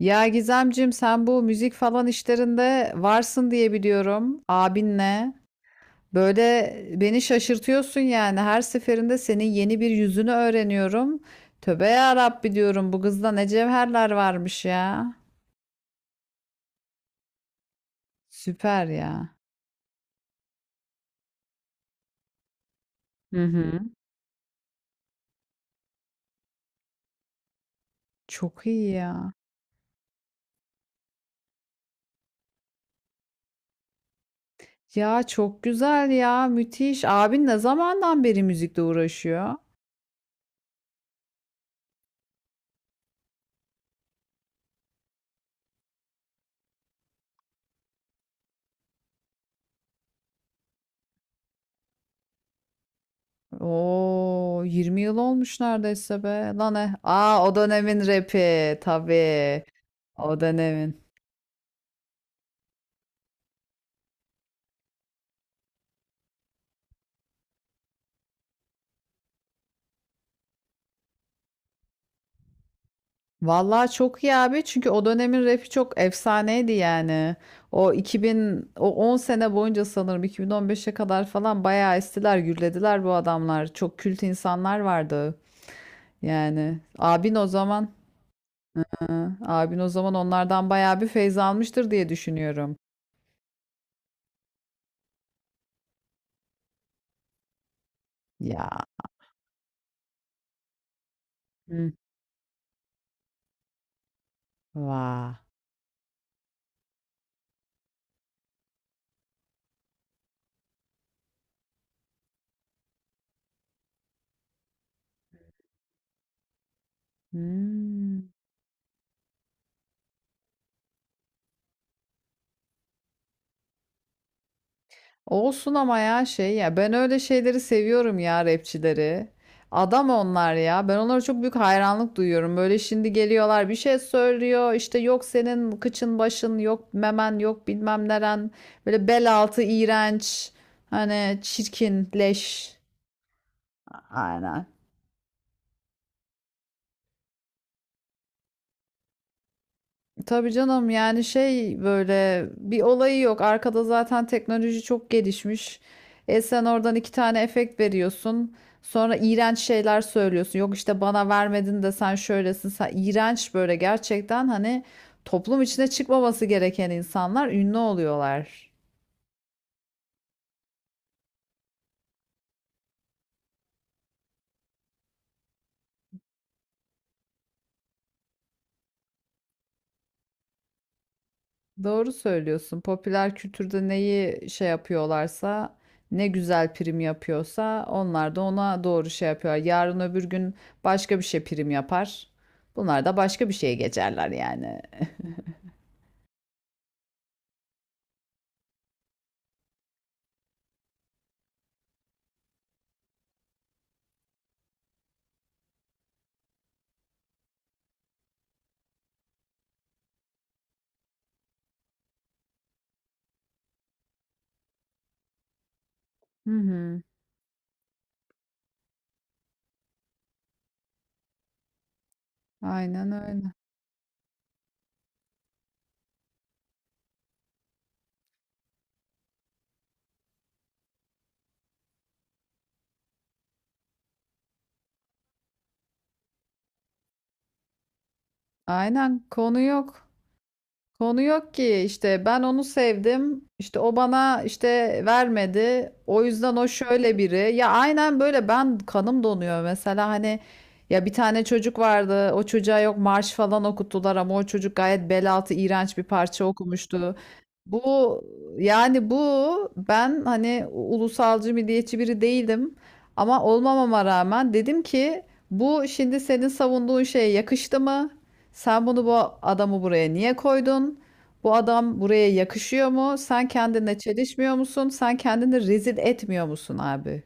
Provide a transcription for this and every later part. Ya Gizemcim sen bu müzik falan işlerinde varsın diye biliyorum abinle. Böyle beni şaşırtıyorsun yani her seferinde senin yeni bir yüzünü öğreniyorum. Tövbe ya Rabbi diyorum bu kızda ne cevherler varmış ya. Süper ya. Hı hı. Çok iyi ya. Ya çok güzel ya müthiş. Abin ne zamandan beri müzikle uğraşıyor? Oo 20 yıl olmuş neredeyse be. Lan e. Aa o dönemin rapi tabii. O dönemin. Vallahi çok iyi abi çünkü o dönemin rapi çok efsaneydi yani. O 2000 o 10 sene boyunca sanırım 2015'e kadar falan bayağı estiler, gürlediler bu adamlar. Çok kült insanlar vardı. Yani hı, abin o zaman onlardan bayağı bir feyz almıştır diye düşünüyorum. Ya. Hı. Vah. Hmm. Olsun ama ya şey ya ben öyle şeyleri seviyorum ya rapçileri. Adam onlar ya. Ben onlara çok büyük hayranlık duyuyorum. Böyle şimdi geliyorlar bir şey söylüyor. İşte yok senin kıçın başın yok memen yok bilmem neren. Böyle bel altı iğrenç. Hani çirkin leş. Aynen. Tabii canım yani şey böyle bir olayı yok. Arkada zaten teknoloji çok gelişmiş. E sen oradan iki tane efekt veriyorsun. Sonra iğrenç şeyler söylüyorsun. Yok işte bana vermedin de sen şöylesin. Sen iğrenç böyle gerçekten hani toplum içine çıkmaması gereken insanlar ünlü oluyorlar. Doğru söylüyorsun. Popüler kültürde neyi şey yapıyorlarsa, ne güzel prim yapıyorsa onlar da ona doğru şey yapıyorlar. Yarın öbür gün başka bir şey prim yapar. Bunlar da başka bir şeye geçerler yani. Hı hı. Aynen öyle. Aynen, konu yok. Konu yok ki işte ben onu sevdim işte o bana işte vermedi o yüzden o şöyle biri ya aynen böyle ben kanım donuyor mesela hani ya bir tane çocuk vardı o çocuğa yok marş falan okuttular ama o çocuk gayet bel altı iğrenç bir parça okumuştu. Bu, yani, bu, ben hani ulusalcı milliyetçi biri değilim ama olmamama rağmen dedim ki bu şimdi senin savunduğun şeye yakıştı mı? Sen bu adamı buraya niye koydun? Bu adam buraya yakışıyor mu? Sen kendinle çelişmiyor musun? Sen kendini rezil etmiyor musun abi?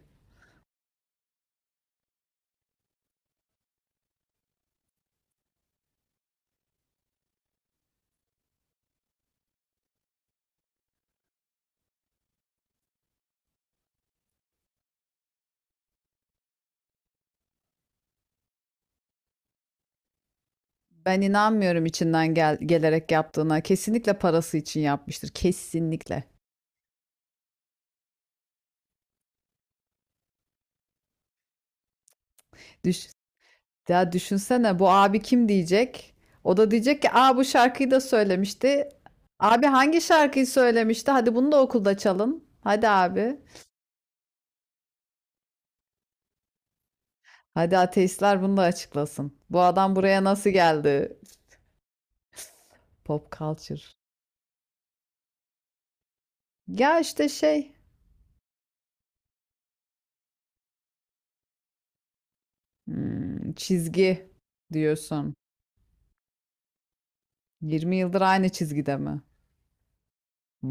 Ben inanmıyorum içinden gelerek yaptığına. Kesinlikle parası için yapmıştır. Kesinlikle. Düş Ya düşünsene bu abi kim diyecek? O da diyecek ki aa bu şarkıyı da söylemişti. Abi hangi şarkıyı söylemişti? Hadi bunu da okulda çalın. Hadi abi. Hadi ateistler bunu da açıklasın. Bu adam buraya nasıl geldi? Pop culture. Ya işte şey, çizgi diyorsun. 20 yıldır aynı çizgide mi?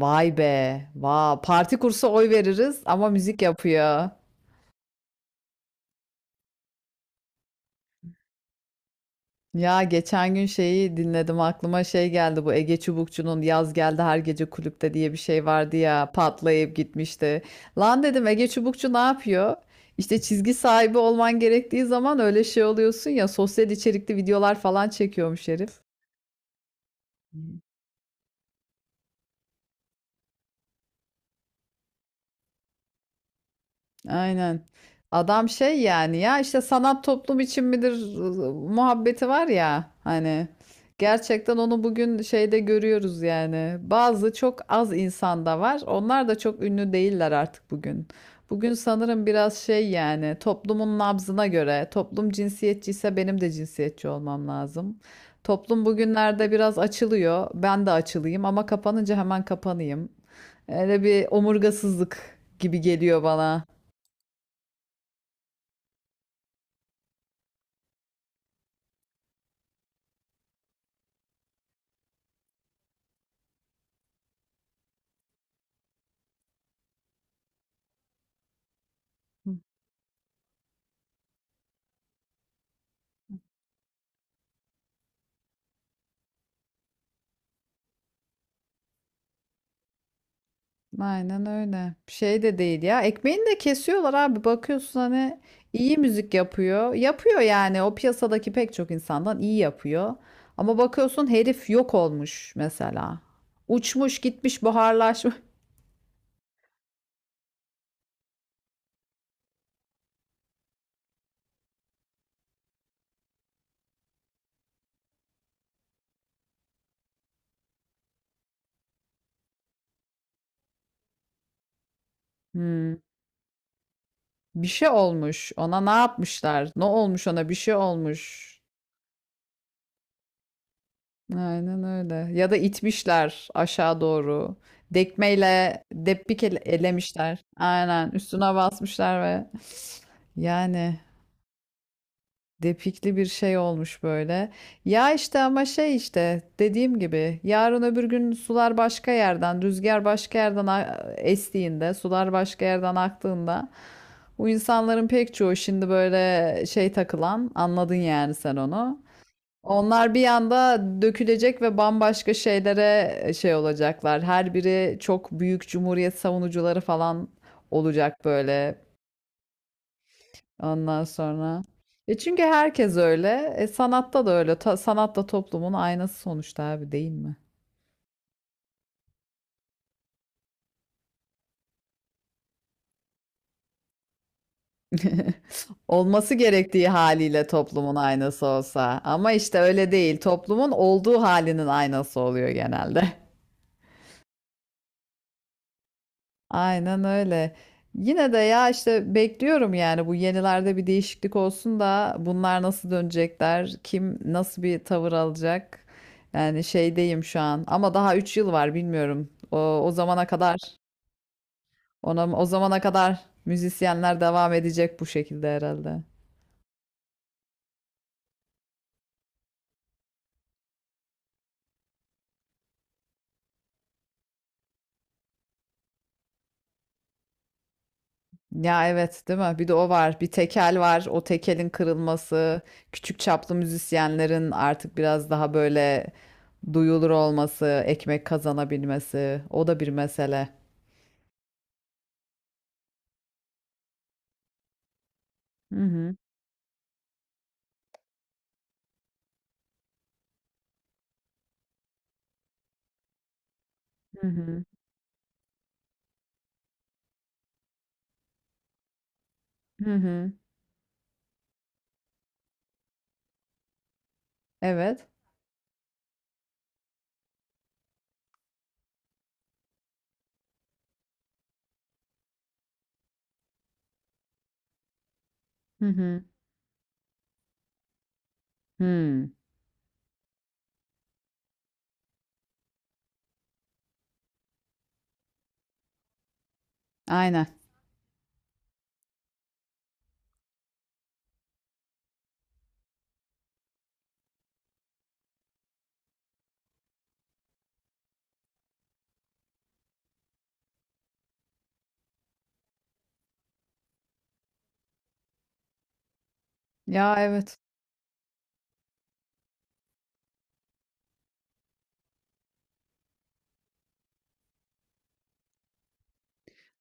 Vay be, parti kursa oy veririz ama müzik yapıyor. Ya geçen gün şeyi dinledim aklıma şey geldi bu Ege Çubukçu'nun Yaz Geldi Her Gece Kulüpte diye bir şey vardı ya patlayıp gitmişti. Lan dedim Ege Çubukçu ne yapıyor? İşte çizgi sahibi olman gerektiği zaman öyle şey oluyorsun ya sosyal içerikli videolar falan çekiyormuş herif. Aynen. Adam şey yani ya işte sanat toplum için midir muhabbeti var ya hani gerçekten onu bugün şeyde görüyoruz yani. Bazı çok az insanda var. Onlar da çok ünlü değiller artık bugün. Bugün sanırım biraz şey yani toplumun nabzına göre toplum cinsiyetçiyse benim de cinsiyetçi olmam lazım. Toplum bugünlerde biraz açılıyor. Ben de açılayım ama kapanınca hemen kapanayım. Öyle bir omurgasızlık gibi geliyor bana. Aynen öyle. Şey de değil ya. Ekmeğini de kesiyorlar abi. Bakıyorsun hani iyi müzik yapıyor. Yapıyor yani. O piyasadaki pek çok insandan iyi yapıyor. Ama bakıyorsun herif yok olmuş mesela. Uçmuş gitmiş buharlaşmış. Hmm. Bir şey olmuş. Ona ne yapmışlar? Ne olmuş ona? Bir şey olmuş. Aynen öyle. Ya da itmişler aşağı doğru. Dekmeyle debbik elemişler. Aynen. Üstüne basmışlar ve yani. Depikli bir şey olmuş böyle. Ya işte ama şey işte dediğim gibi yarın öbür gün sular başka yerden, rüzgar başka yerden estiğinde, sular başka yerden aktığında bu insanların pek çoğu şimdi böyle şey takılan, anladın yani sen onu. Onlar bir anda dökülecek ve bambaşka şeylere şey olacaklar. Her biri çok büyük cumhuriyet savunucuları falan olacak böyle. Ondan sonra. E çünkü herkes öyle. E sanatta da öyle. Sanat da toplumun aynası sonuçta abi değil mi? Olması gerektiği haliyle toplumun aynası olsa. Ama işte öyle değil. Toplumun olduğu halinin aynası oluyor genelde. Aynen öyle. Yine de ya işte bekliyorum yani bu yenilerde bir değişiklik olsun da bunlar nasıl dönecekler, kim nasıl bir tavır alacak. Yani şeydeyim şu an ama daha 3 yıl var bilmiyorum. O zamana kadar. O zamana kadar müzisyenler devam edecek bu şekilde herhalde. Ya evet değil mi? Bir de o var. Bir tekel var. O tekelin kırılması, küçük çaplı müzisyenlerin artık biraz daha böyle duyulur olması, ekmek kazanabilmesi, o da bir mesele. Hı hı. Hı hı. Hı hı. Evet. Hı hı. Hı. Aynen. Ya evet.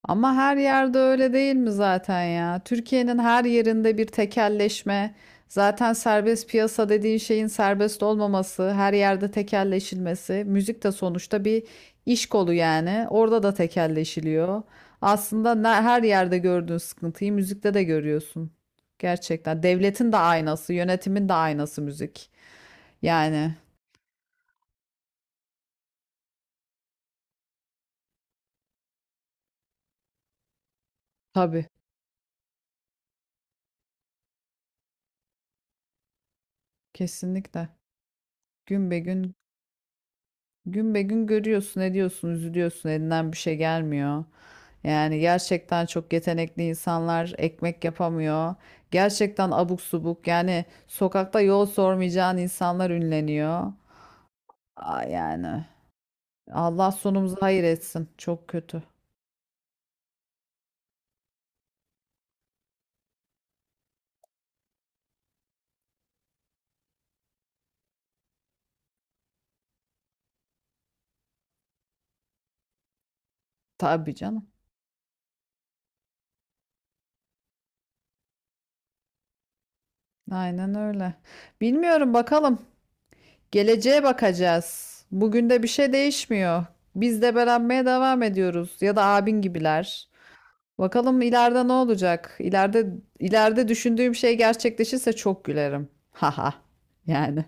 Ama her yerde öyle değil mi zaten ya? Türkiye'nin her yerinde bir tekelleşme. Zaten serbest piyasa dediğin şeyin serbest olmaması, her yerde tekelleşilmesi. Müzik de sonuçta bir iş kolu yani. Orada da tekelleşiliyor. Aslında her yerde gördüğün sıkıntıyı müzikte de görüyorsun. Gerçekten. Devletin de aynası, yönetimin de aynası müzik. Yani tabii, kesinlikle. Gün be gün Gün be gün görüyorsun, ediyorsun, üzülüyorsun, elinden bir şey gelmiyor. Yani gerçekten çok yetenekli insanlar ekmek yapamıyor. Gerçekten abuk subuk yani sokakta yol sormayacağın insanlar ünleniyor. Aa, yani Allah sonumuzu hayır etsin. Çok kötü. Tabii canım. Aynen öyle. Bilmiyorum bakalım. Geleceğe bakacağız. Bugün de bir şey değişmiyor. Biz debelenmeye devam ediyoruz. Ya da abin gibiler. Bakalım ileride ne olacak? İleride düşündüğüm şey gerçekleşirse çok gülerim. Haha. Yani.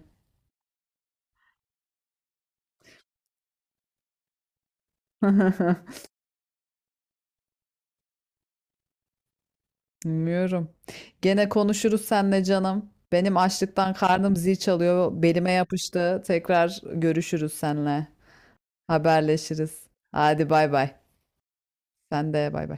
Bilmiyorum. Gene konuşuruz seninle canım. Benim açlıktan karnım zil çalıyor. Belime yapıştı. Tekrar görüşürüz seninle. Haberleşiriz. Hadi bay bay. Sen de bay bay.